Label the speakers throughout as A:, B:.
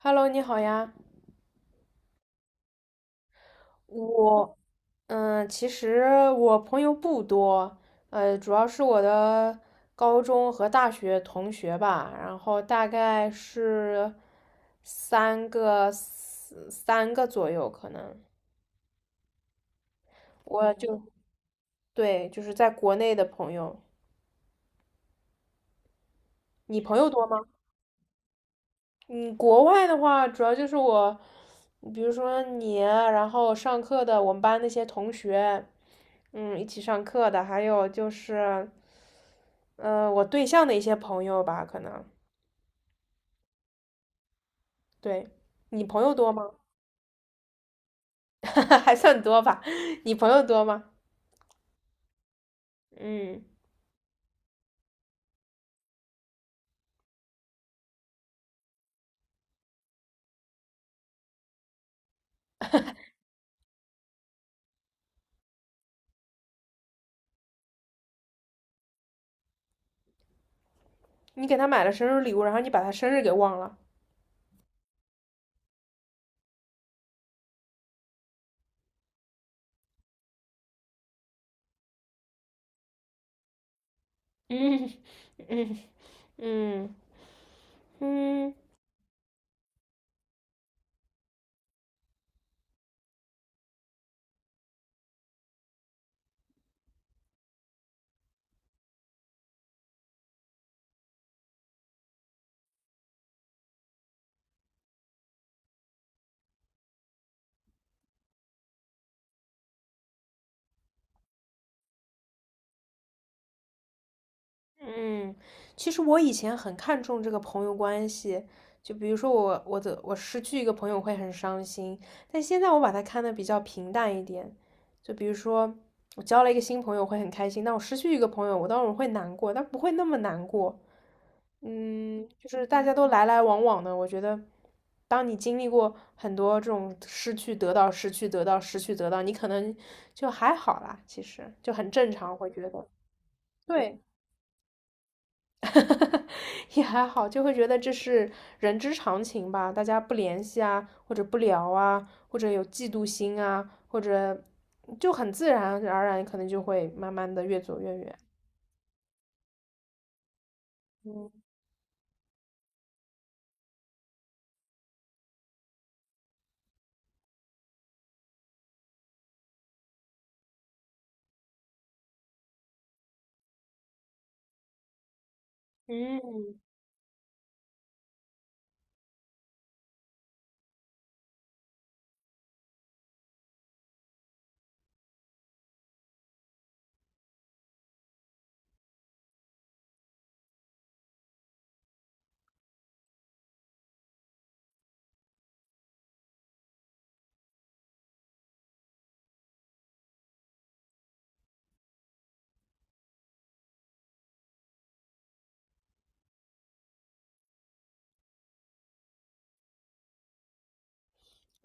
A: Hello，你好呀。我，其实我朋友不多，主要是我的高中和大学同学吧，然后大概是三个左右，可能我就对，就是在国内的朋友。你朋友多吗？嗯，国外的话，主要就是我，比如说你，然后上课的我们班那些同学，一起上课的，还有就是，我对象的一些朋友吧，可能，对，你朋友多吗？还算多吧，你朋友多吗？嗯，你给他买了生日礼物，然后你把他生日给忘了。嗯嗯嗯嗯。嗯，其实我以前很看重这个朋友关系，就比如说我失去一个朋友会很伤心，但现在我把它看得比较平淡一点。就比如说我交了一个新朋友会很开心，但我失去一个朋友，我当然会难过，但不会那么难过。就是大家都来来往往的，我觉得，当你经历过很多这种失去、得到、失去、得到、失去、得到，你可能就还好啦，其实就很正常，会觉得对。也还好，就会觉得这是人之常情吧，大家不联系啊，或者不聊啊，或者有嫉妒心啊，或者就很自然而然，可能就会慢慢的越走越远。嗯嗯。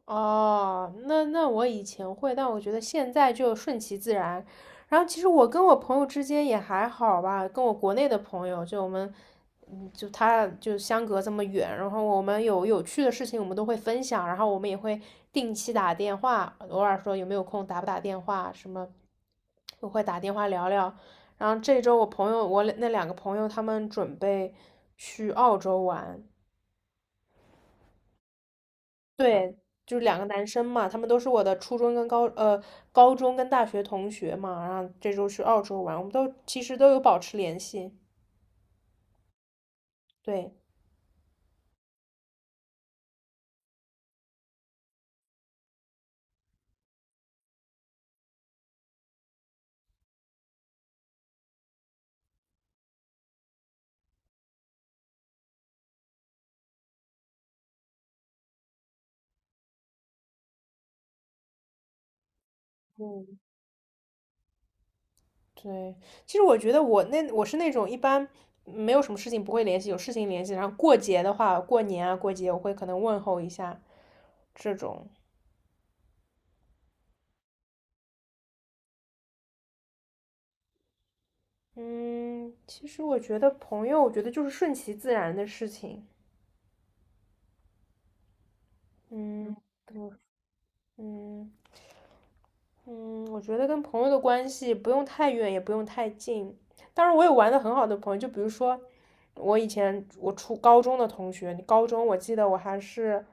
A: 哦，那我以前会，但我觉得现在就顺其自然。然后其实我跟我朋友之间也还好吧，跟我国内的朋友，就我们，就他就相隔这么远，然后我们有有趣的事情我们都会分享，然后我们也会定期打电话，偶尔说有没有空打不打电话什么，我会打电话聊聊。然后这周我那两个朋友他们准备去澳洲玩，对，就是两个男生嘛，他们都是我的初中跟高中跟大学同学嘛，然后这周去澳洲玩，我们都其实都有保持联系。对对，其实我觉得我是那种一般没有什么事情不会联系，有事情联系，然后过节的话，过年啊过节我会可能问候一下这种。嗯，其实我觉得朋友，我觉得就是顺其自然的事情。嗯，对。嗯嗯，我觉得跟朋友的关系不用太远，也不用太近。当然，我有玩的很好的朋友，就比如说我以前我初高中的同学，高中我记得我还是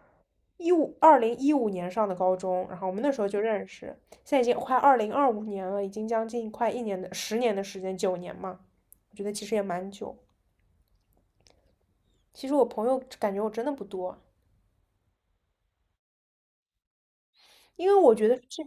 A: 2015年上的高中，然后我们那时候就认识，现在已经快2025年了，已经将近快一年的10年的时间，9年嘛，我觉得其实也蛮久。其实我朋友感觉我真的不多，因为我觉得这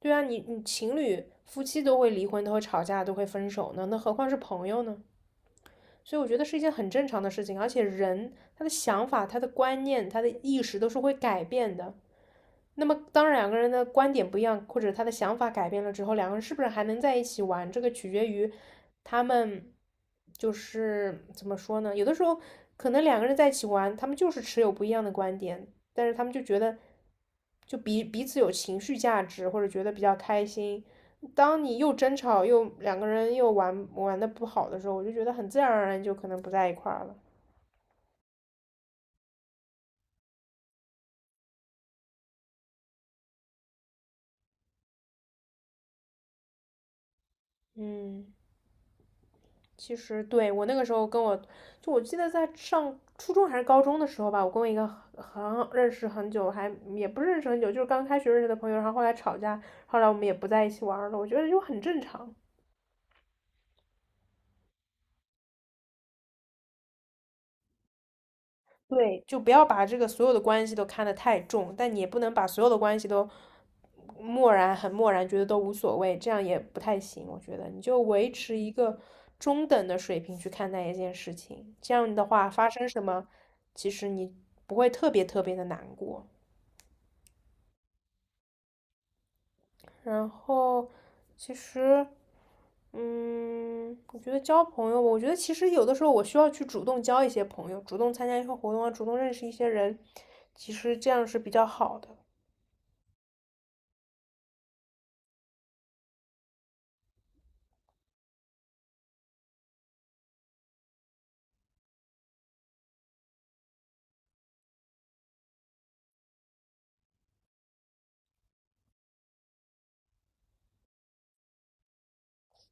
A: 对啊，你情侣、夫妻都会离婚，都会吵架，都会分手呢，那何况是朋友呢？所以我觉得是一件很正常的事情，而且人他的想法、他的观念、他的意识都是会改变的。那么，当两个人的观点不一样，或者他的想法改变了之后，两个人是不是还能在一起玩？这个取决于他们就是怎么说呢？有的时候可能两个人在一起玩，他们就是持有不一样的观点，但是他们就觉得就彼此有情绪价值，或者觉得比较开心。当你又争吵又两个人又玩的不好的时候，我就觉得很自然而然就可能不在一块儿了。嗯，其实对我那个时候跟我就我记得在上初中还是高中的时候吧，我跟我一个很认识很久，还也不是认识很久，就是刚开学认识的朋友，然后后来吵架，后来我们也不在一起玩了。我觉得就很正常。对，就不要把这个所有的关系都看得太重，但你也不能把所有的关系都漠然，很漠然，觉得都无所谓，这样也不太行。我觉得你就维持一个中等的水平去看待一件事情，这样的话发生什么，其实你不会特别特别的难过。然后，其实，我觉得交朋友，我觉得其实有的时候我需要去主动交一些朋友，主动参加一些活动啊，主动认识一些人，其实这样是比较好的。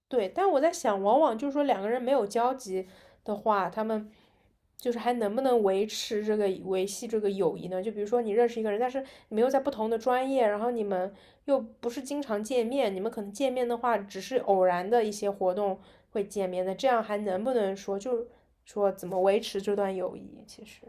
A: 对，但我在想，往往就是说两个人没有交集的话，他们就是还能不能维系这个友谊呢？就比如说你认识一个人，但是你们又在不同的专业，然后你们又不是经常见面，你们可能见面的话，只是偶然的一些活动会见面的，这样还能不能说怎么维持这段友谊？其实，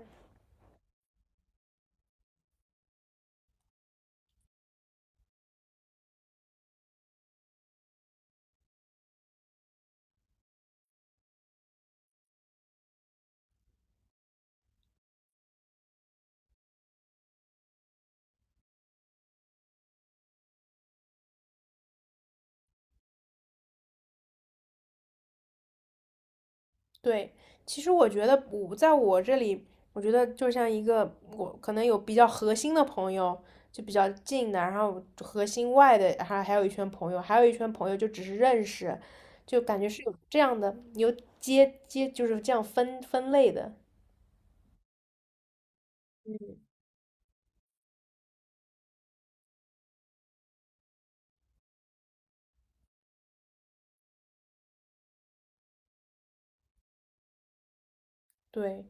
A: 对，其实我觉得我在我这里，我觉得就像一个我可能有比较核心的朋友，就比较近的，然后核心外的，还有一圈朋友，还有一圈朋友就只是认识，就感觉是有这样的，有接接就是这样分类的。对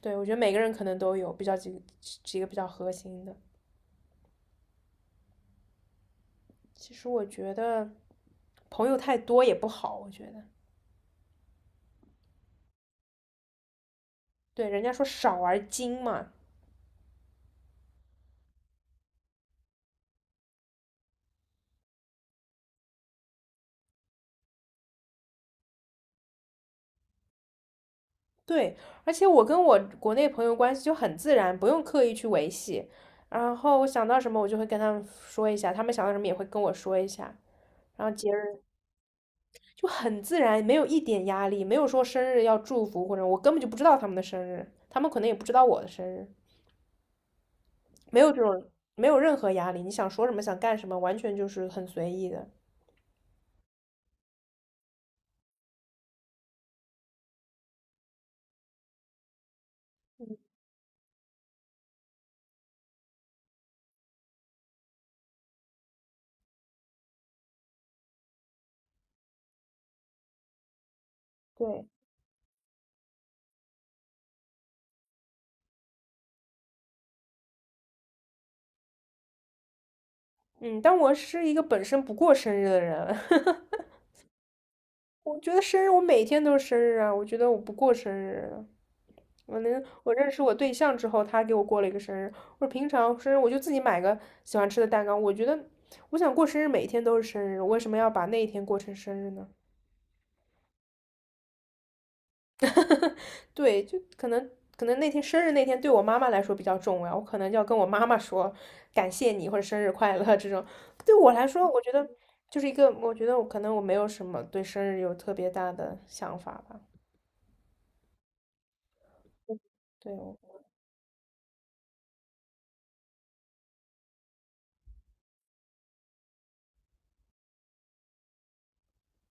A: 对，我觉得每个人可能都有比较几个比较核心的。其实我觉得朋友太多也不好，我觉得对人家说少而精嘛，对，而且我跟我国内朋友关系就很自然，不用刻意去维系。然后我想到什么，我就会跟他们说一下，他们想到什么也会跟我说一下。然后节日就很自然，没有一点压力，没有说生日要祝福或者我根本就不知道他们的生日，他们可能也不知道我的生日，没有这种，没有任何压力。你想说什么，想干什么，完全就是很随意的。对，嗯，但我是一个本身不过生日的人，我觉得生日，我每天都是生日啊！我觉得我不过生日啊，我认识我对象之后，他给我过了一个生日。我平常生日我就自己买个喜欢吃的蛋糕。我觉得我想过生日，每天都是生日，我为什么要把那一天过成生日呢？对，就可能那天生日那天对我妈妈来说比较重要，我可能就要跟我妈妈说感谢你或者生日快乐这种。对我来说，我觉得就是一个，我觉得我可能没有什么对生日有特别大的想法吧。对，我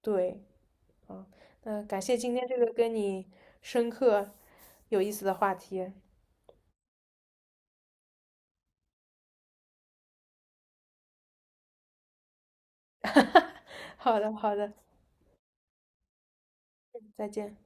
A: 对。嗯，那感谢今天这个跟你深刻、有意思的话题。好的，好的，再见。